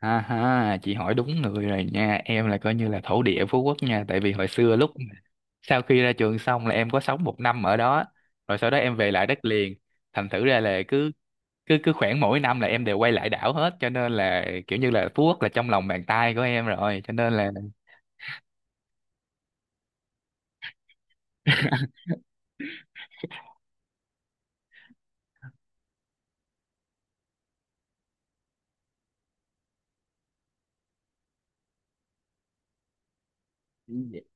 Ha ha Chị hỏi đúng người rồi nha, em là coi như là thổ địa Phú Quốc nha, tại vì hồi xưa lúc sau khi ra trường xong là em có sống một năm ở đó, rồi sau đó em về lại đất liền. Thành thử ra là cứ cứ cứ khoảng mỗi năm là em đều quay lại đảo hết, cho nên là kiểu như là Phú Quốc là trong lòng bàn tay của em rồi, cho nên là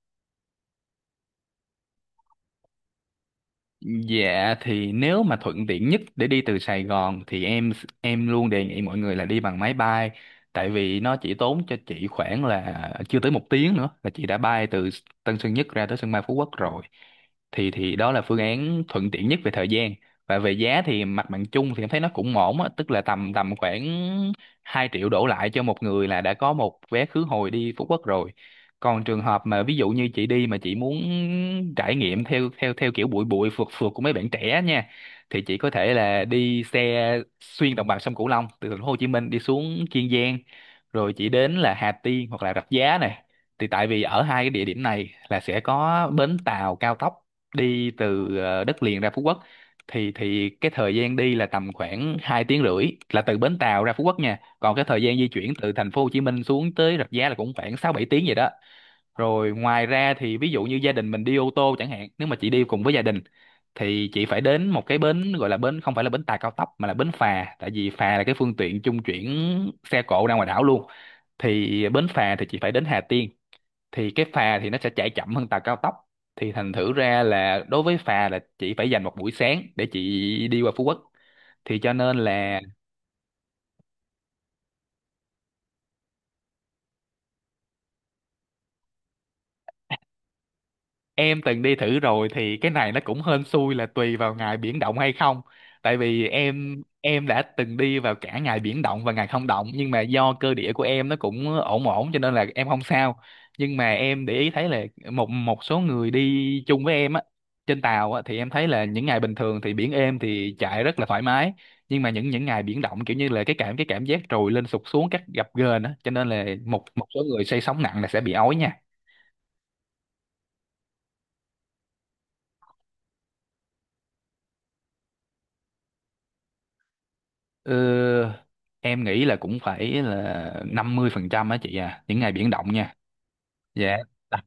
Dạ thì nếu mà thuận tiện nhất để đi từ Sài Gòn thì em luôn đề nghị mọi người là đi bằng máy bay, tại vì nó chỉ tốn cho chị khoảng là chưa tới 1 tiếng nữa là chị đã bay từ Tân Sơn Nhất ra tới sân bay Phú Quốc rồi. Thì đó là phương án thuận tiện nhất về thời gian. Và về giá thì mặt bằng chung thì em thấy nó cũng ổn á, tức là tầm tầm khoảng 2 triệu đổ lại cho một người là đã có một vé khứ hồi đi Phú Quốc rồi. Còn trường hợp mà ví dụ như chị đi mà chị muốn trải nghiệm theo theo theo kiểu bụi bụi phượt phượt của mấy bạn trẻ nha, thì chị có thể là đi xe xuyên đồng bằng sông Cửu Long từ thành phố Hồ Chí Minh đi xuống Kiên Giang, rồi chị đến là Hà Tiên hoặc là Rạch Giá này. Thì tại vì ở hai cái địa điểm này là sẽ có bến tàu cao tốc đi từ đất liền ra Phú Quốc. Thì cái thời gian đi là tầm khoảng 2 tiếng rưỡi là từ bến tàu ra Phú Quốc nha. Còn cái thời gian di chuyển từ thành phố Hồ Chí Minh xuống tới Rạch Giá là cũng khoảng 6-7 tiếng vậy đó. Rồi ngoài ra thì ví dụ như gia đình mình đi ô tô chẳng hạn, nếu mà chị đi cùng với gia đình thì chị phải đến một cái bến, gọi là bến không phải là bến tàu cao tốc mà là bến phà, tại vì phà là cái phương tiện trung chuyển xe cộ ra ngoài đảo luôn. Thì bến phà thì chị phải đến Hà Tiên, thì cái phà thì nó sẽ chạy chậm hơn tàu cao tốc. Thì thành thử ra là đối với phà là chị phải dành một buổi sáng để chị đi qua Phú Quốc. Thì cho nên là em từng đi thử rồi, thì cái này nó cũng hên xui là tùy vào ngày biển động hay không. Tại vì em đã từng đi vào cả ngày biển động và ngày không động, nhưng mà do cơ địa của em nó cũng ổn ổn cho nên là em không sao. Nhưng mà em để ý thấy là một một số người đi chung với em á, trên tàu á, thì em thấy là những ngày bình thường thì biển êm thì chạy rất là thoải mái. Nhưng mà những ngày biển động kiểu như là cái cảm giác trồi lên sụt xuống các gập ghềnh á, cho nên là một một số người say sóng nặng là sẽ bị ói nha. Ờ, em nghĩ là cũng phải là 50% á chị à, những ngày biển động nha. Dạ. Tại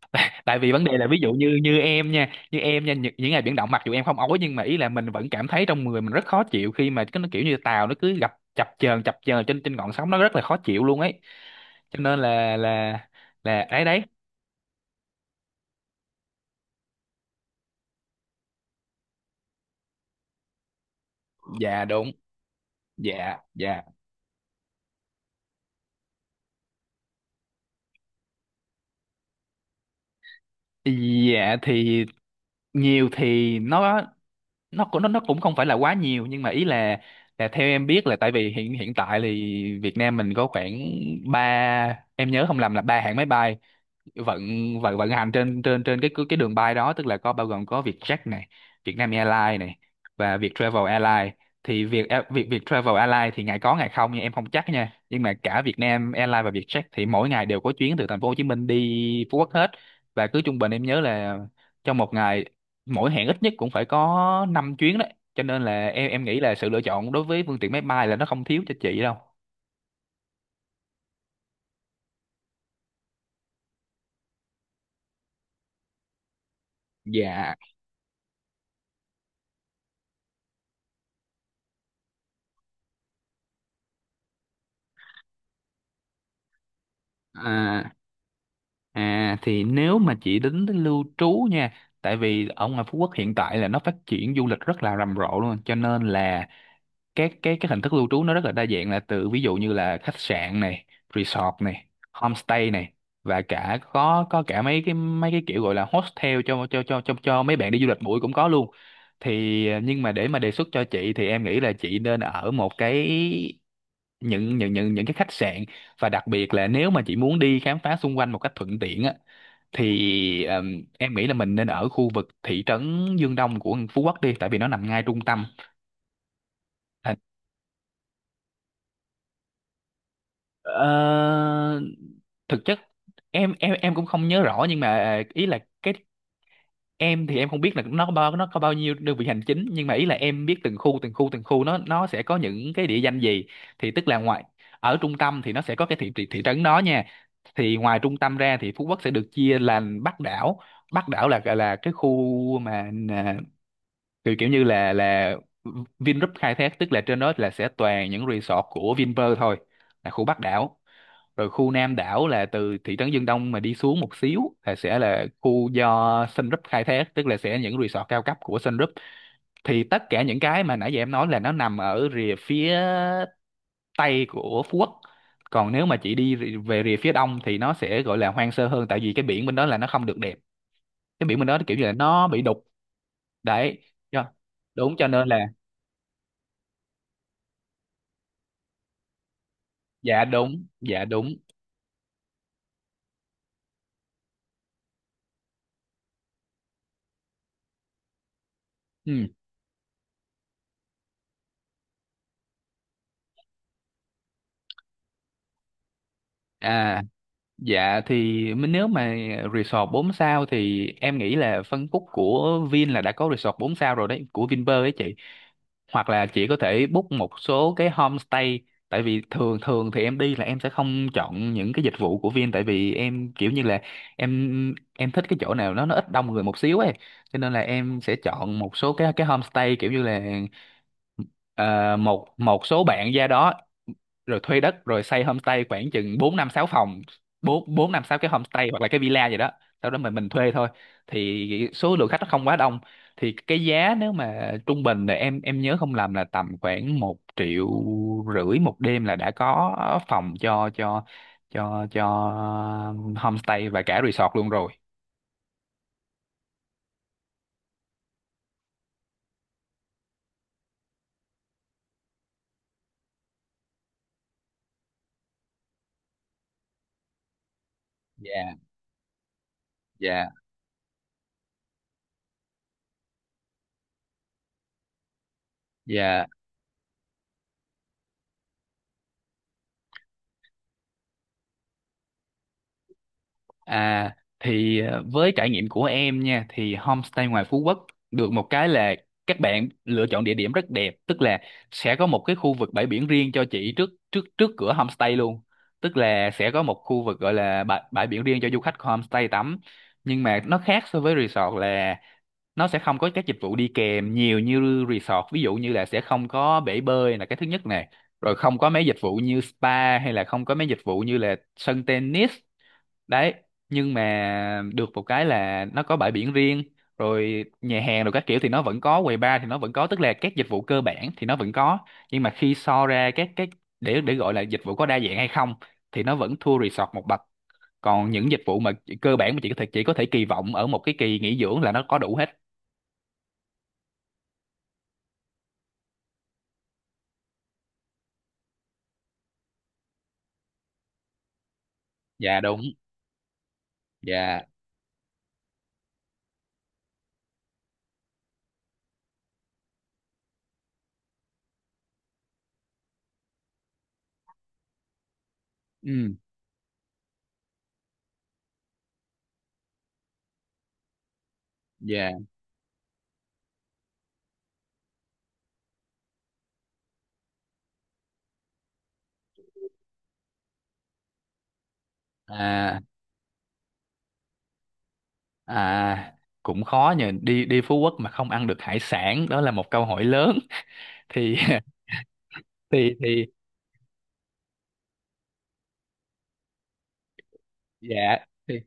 Tại vì vấn đề là ví dụ như như em nha, những ngày biển động mặc dù em không ói, nhưng mà ý là mình vẫn cảm thấy trong người mình rất khó chịu khi mà cái nó kiểu như tàu nó cứ gặp chập chờn trên trên ngọn sóng nó rất là khó chịu luôn ấy. Cho nên là đấy đấy. Dạ đúng. Dạ dạ. Dạ thì nhiều thì nó cũng cũng không phải là quá nhiều, nhưng mà ý là theo em biết là tại vì hiện hiện tại thì Việt Nam mình có khoảng ba, em nhớ không lầm là ba hãng máy bay vận vận vận hành trên trên trên cái đường bay đó, tức là có bao gồm có Vietjet này, Vietnam Airlines này và Vietravel Airlines. Thì việc việc Vietravel Airlines thì ngày có ngày không, nhưng em không chắc nha, nhưng mà cả Vietnam Airlines và Vietjet thì mỗi ngày đều có chuyến từ thành phố Hồ Chí Minh đi Phú Quốc hết. Và cứ trung bình em nhớ là trong một ngày mỗi hẹn ít nhất cũng phải có 5 chuyến đấy, cho nên là em nghĩ là sự lựa chọn đối với phương tiện máy bay là nó không thiếu cho chị đâu. Dạ. à, À thì nếu mà chị tính tới lưu trú nha, tại vì ở ngoài Phú Quốc hiện tại là nó phát triển du lịch rất là rầm rộ luôn, cho nên là các cái hình thức lưu trú nó rất là đa dạng, là từ ví dụ như là khách sạn này, resort này, homestay này, và cả có cả mấy cái kiểu gọi là hostel cho mấy bạn đi du lịch bụi cũng có luôn. Thì nhưng mà để mà đề xuất cho chị thì em nghĩ là chị nên ở một cái những cái khách sạn, và đặc biệt là nếu mà chị muốn đi khám phá xung quanh một cách thuận tiện á, thì em nghĩ là mình nên ở khu vực thị trấn Dương Đông của Phú Quốc đi, tại vì nó nằm ngay trung tâm. À, Ờ, thực chất em cũng không nhớ rõ, nhưng mà ý là cái em thì em không biết là nó có bao nhiêu đơn vị hành chính, nhưng mà ý là em biết từng khu nó sẽ có những cái địa danh gì. Thì tức là ngoài ở trung tâm thì nó sẽ có cái thị thị, thị trấn đó nha. Thì ngoài trung tâm ra thì Phú Quốc sẽ được chia làm Bắc đảo. Bắc đảo là cái khu mà kiểu kiểu như là Vingroup khai thác, tức là trên đó là sẽ toàn những resort của Vinpearl thôi, là khu Bắc đảo. Rồi khu Nam đảo là từ thị trấn Dương Đông mà đi xuống một xíu là sẽ là khu do Sun Group khai thác, tức là sẽ những resort cao cấp của Sun Group. Thì tất cả những cái mà nãy giờ em nói là nó nằm ở rìa phía tây của Phú Quốc. Còn nếu mà chị đi về rìa phía đông thì nó sẽ gọi là hoang sơ hơn, tại vì cái biển bên đó là nó không được đẹp, cái biển bên đó kiểu như là nó bị đục đấy. cho- Đúng, cho nên là dạ đúng, dạ đúng. Ừ. À. Dạ thì nếu mà resort 4 sao thì em nghĩ là phân khúc của Vin là đã có resort 4 sao rồi đấy, của Vinpearl ấy chị. Hoặc là chị có thể book một số cái homestay, tại vì thường thường thì em đi là em sẽ không chọn những cái dịch vụ của Vin, tại vì em kiểu như là em thích cái chỗ nào nó ít đông người một xíu ấy. Cho nên là em sẽ chọn một số cái homestay kiểu như là ờ, một một số bạn ra đó, rồi thuê đất rồi xây homestay khoảng chừng bốn năm sáu phòng, bốn bốn năm sáu cái homestay hoặc là cái villa gì đó, sau đó mình thuê thôi, thì số lượng khách nó không quá đông. Thì cái giá nếu mà trung bình là em nhớ không lầm là tầm khoảng 1,5 triệu một đêm là đã có phòng cho homestay và cả resort luôn rồi. Dạ. Dạ. Dạ. À thì với trải nghiệm của em nha, thì homestay ngoài Phú Quốc được một cái là các bạn lựa chọn địa điểm rất đẹp, tức là sẽ có một cái khu vực bãi biển riêng cho chị trước trước trước cửa homestay luôn. Tức là sẽ có một khu vực gọi là bãi biển riêng cho du khách của homestay tắm. Nhưng mà nó khác so với resort là nó sẽ không có các dịch vụ đi kèm nhiều như resort, ví dụ như là sẽ không có bể bơi là cái thứ nhất nè, rồi không có mấy dịch vụ như spa, hay là không có mấy dịch vụ như là sân tennis đấy. Nhưng mà được một cái là nó có bãi biển riêng, rồi nhà hàng rồi các kiểu thì nó vẫn có, quầy bar thì nó vẫn có, tức là các dịch vụ cơ bản thì nó vẫn có. Nhưng mà khi so ra các cái, để gọi là dịch vụ có đa dạng hay không, thì nó vẫn thua resort một bậc. Còn những dịch vụ mà cơ bản mà chỉ có thể kỳ vọng ở một cái kỳ nghỉ dưỡng là nó có đủ hết. Dạ đúng. Dạ. Ừ. Dạ. à à Cũng khó nhờ, đi đi Phú Quốc mà không ăn được hải sản, đó là một câu hỏi lớn. thì thì Dạ thì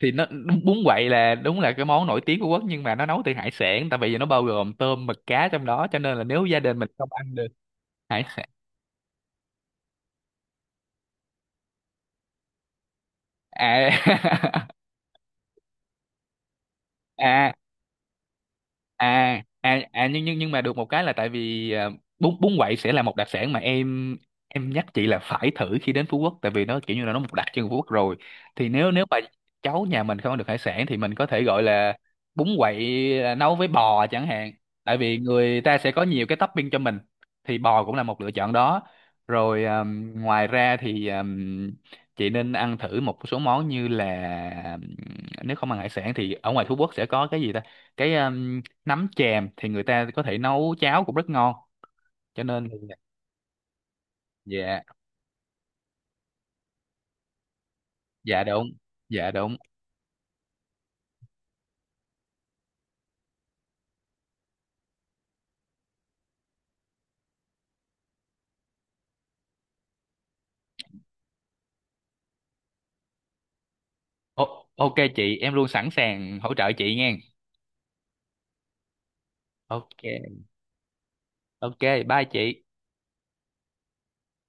nó đúng, bún quậy là đúng là cái món nổi tiếng của Quốc, nhưng mà nó nấu từ hải sản, tại vì nó bao gồm tôm mực cá trong đó, cho nên là nếu gia đình mình không ăn được hải sản. à, à À, nhưng mà được một cái là tại vì bún bún quậy sẽ là một đặc sản mà em nhắc chị là phải thử khi đến Phú Quốc, tại vì nó kiểu như là nó một đặc trưng của Phú Quốc rồi. Thì nếu nếu mà cháu nhà mình không ăn được hải sản thì mình có thể gọi là bún quậy, nấu với bò chẳng hạn, tại vì người ta sẽ có nhiều cái topping cho mình, thì bò cũng là một lựa chọn đó. Rồi ngoài ra thì chị nên ăn thử một số món như là, nếu không ăn hải sản thì ở ngoài Phú Quốc sẽ có cái gì ta, cái nấm chèm thì người ta có thể nấu cháo cũng rất ngon, cho nên. Ừ. Dạ. Dạ đúng. Dạ đúng. Ô, ok chị, em luôn sẵn sàng hỗ trợ chị nha. Ok. Ok. Bye chị.